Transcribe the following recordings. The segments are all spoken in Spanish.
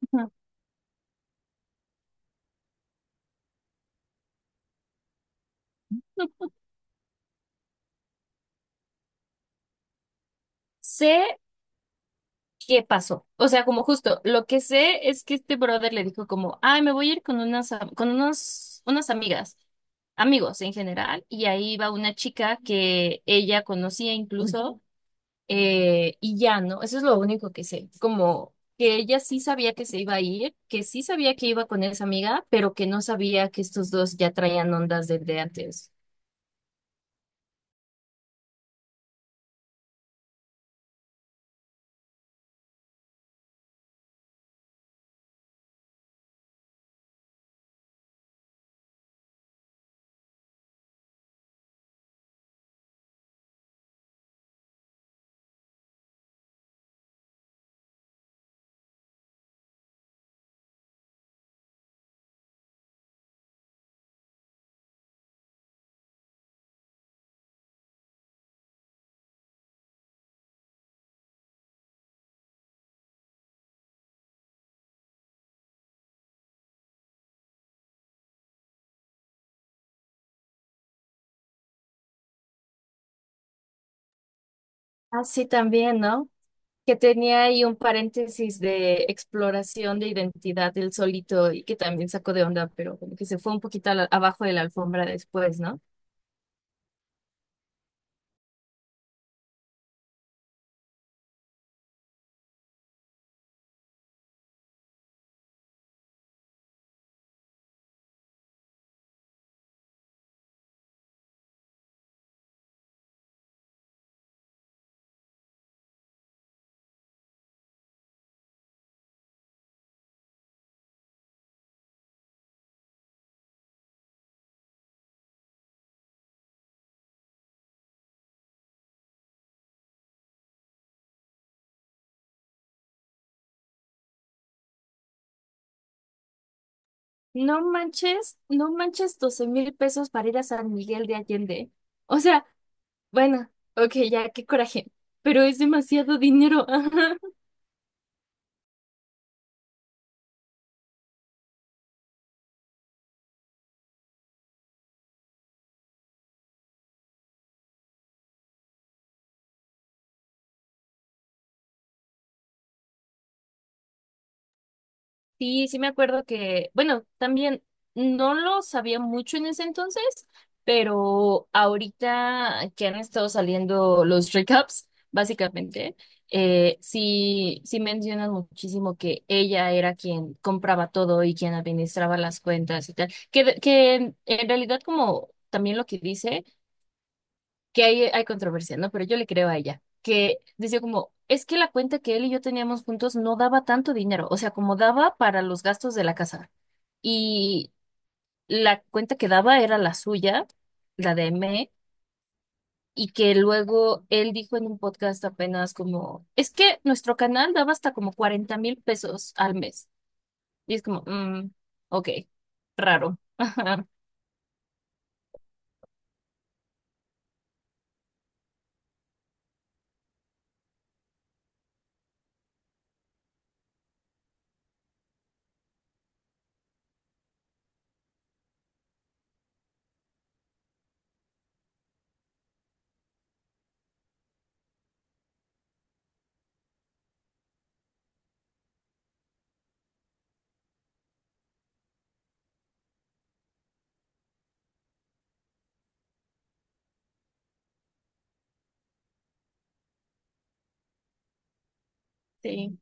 Ujú. Sé qué pasó. O sea, como justo, lo que sé es que este brother le dijo como, ay, me voy a ir con unas, am- con unos, unas amigas, amigos en general, y ahí va una chica que ella conocía incluso, y ya, ¿no? Eso es lo único que sé, como que ella sí sabía que se iba a ir, que sí sabía que iba con esa amiga, pero que no sabía que estos dos ya traían ondas desde antes. Ah, sí, también, ¿no? Que tenía ahí un paréntesis de exploración de identidad del solito y que también sacó de onda, pero como que se fue un poquito a la- abajo de la alfombra después, ¿no? No manches, no manches, 12.000 pesos para ir a San Miguel de Allende. O sea, bueno, ok, ya, qué coraje, pero es demasiado dinero. Sí, sí me acuerdo que, bueno, también no lo sabía mucho en ese entonces, pero ahorita que han estado saliendo los recaps, básicamente, sí, sí mencionan muchísimo que ella era quien compraba todo y quien administraba las cuentas y tal, que en realidad como también lo que dice que hay controversia, ¿no? Pero yo le creo a ella, que decía como, es que la cuenta que él y yo teníamos juntos no daba tanto dinero, o sea, como daba para los gastos de la casa. Y la cuenta que daba era la suya, la de M, y que luego él dijo en un podcast apenas como, es que nuestro canal daba hasta como 40.000 pesos al mes. Y es como, ok, raro. Ajá, sí.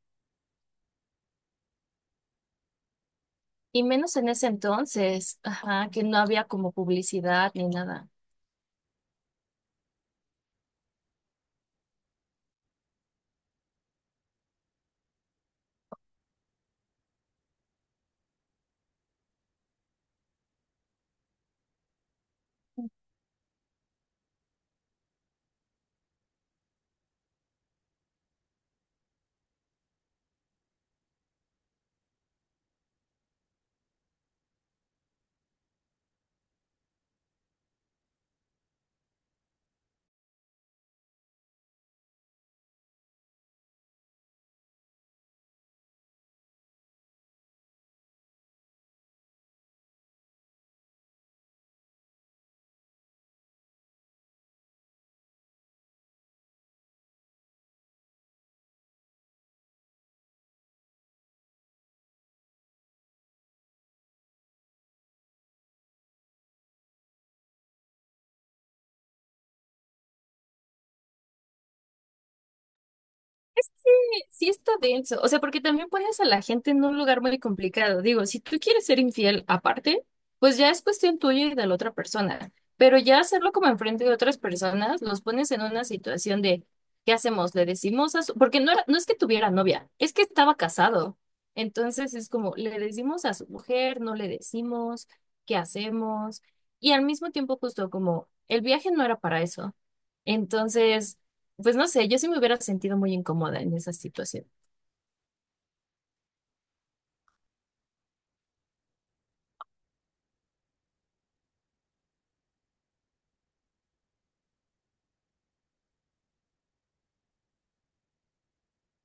Y menos en ese entonces, ajá, que no había como publicidad ni nada. Sí, está denso, o sea, porque también pones a la gente en un lugar muy complicado. Digo, si tú quieres ser infiel aparte, pues ya es cuestión tuya y de la otra persona. Pero ya hacerlo como enfrente de otras personas, los pones en una situación de, ¿qué hacemos? ¿Le decimos a su... Porque no era- no es que tuviera novia, es que estaba casado. Entonces es como, le decimos a su mujer, no le decimos, ¿qué hacemos? Y al mismo tiempo justo como, el viaje no era para eso. Entonces... Pues no sé, yo sí me hubiera sentido muy incómoda en esa situación.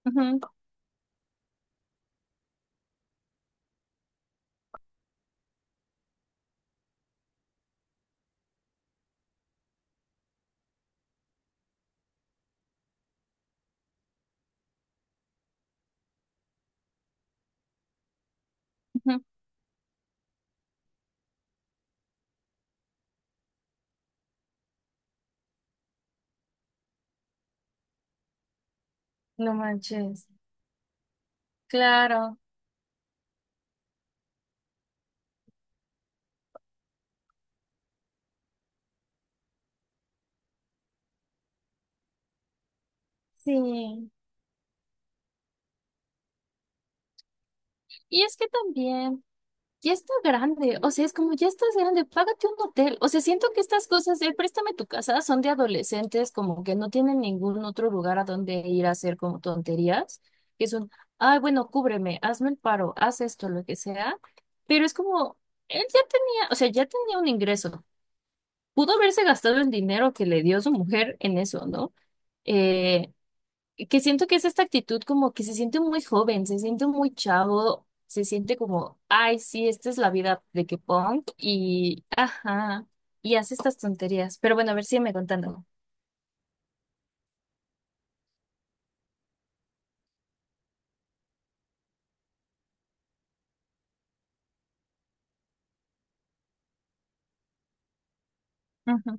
Ujú, ujú. No manches. Claro, sí. Y es que también, ya está grande, o sea, es como, ya estás grande, págate un hotel. O sea, siento que estas cosas de préstame tu casa son de adolescentes, como que no tienen ningún otro lugar a donde ir a hacer como tonterías, que son, ay, bueno, cúbreme, hazme el paro, haz esto, lo que sea. Pero es como, él ya tenía, o sea, ya tenía un ingreso. Pudo haberse gastado el dinero que le dio su mujer en eso, ¿no? Eh, que siento que es esta actitud como que se siente muy joven, se siente muy chavo, se siente como, ay, sí, esta es la vida de que punk y, ajá, y hace estas tonterías. Pero bueno, a ver, sígueme contando. Ujú.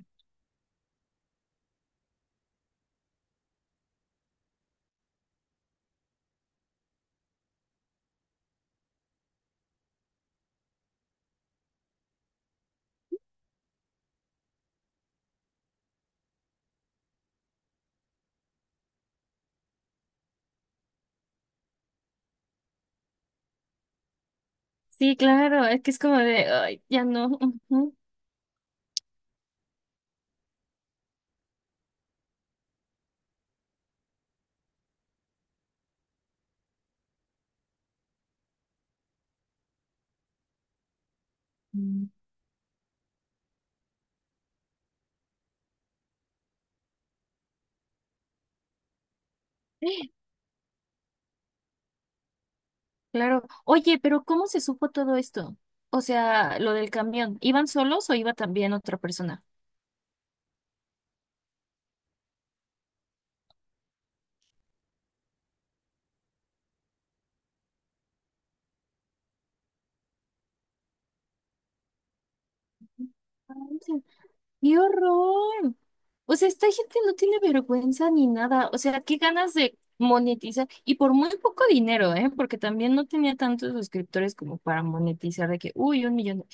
Sí, claro, es que es como de, ay, ya no. Ujú. Mm. Claro. Oye, pero ¿cómo se supo todo esto? O sea, lo del camión, ¿iban solos o iba también otra persona? ¡Qué horror! O sea, esta gente no tiene vergüenza ni nada. O sea, qué ganas de monetizar. Y por muy poco dinero, ¿eh? Porque también no tenía tantos suscriptores como para monetizar de que, uy, un millón.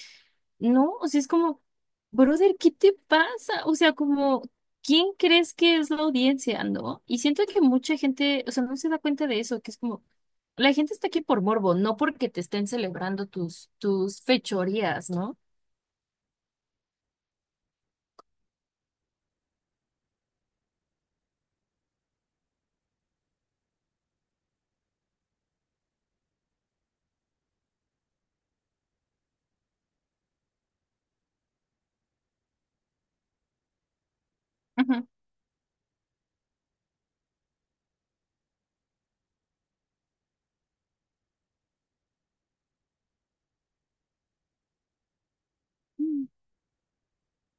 No, o sea, es como, brother, ¿qué te pasa? O sea, como, ¿quién crees que es la audiencia, no? Y siento que mucha gente, o sea, no se da cuenta de eso, que es como, la gente está aquí por morbo, no porque te estén celebrando tus fechorías, ¿no? Ujú,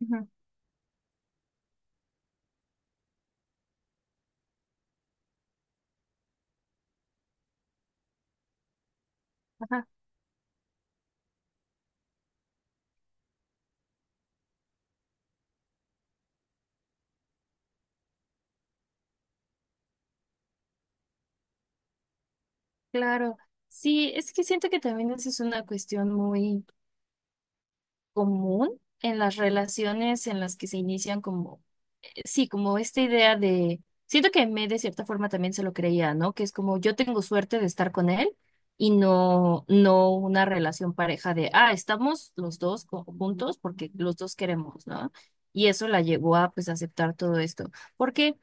ujú, ajá. Claro, sí, es que siento que también esa es una cuestión muy común en las relaciones en las que se inician como sí, como esta idea de, siento que me de cierta forma también se lo creía, ¿no? Que es como yo tengo suerte de estar con él y no, no una relación pareja de, ah, estamos los dos co- juntos porque los dos queremos, ¿no? Y eso la llevó a pues aceptar todo esto, porque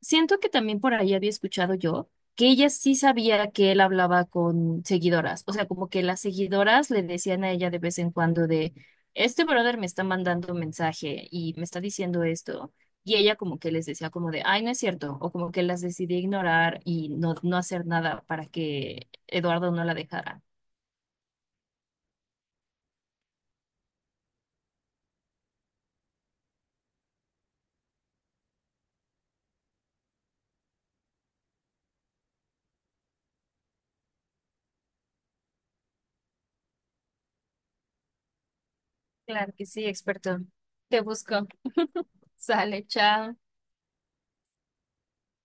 siento que también por ahí había escuchado yo que ella sí sabía que él hablaba con seguidoras, o sea, como que las seguidoras le decían a ella de vez en cuando de, este brother me está mandando un mensaje y me está diciendo esto. Y ella como que les decía como de, ay, no es cierto, o como que las decidí ignorar y no hacer nada para que Eduardo no la dejara. Claro que sí, experto. Te busco. Sale, chao.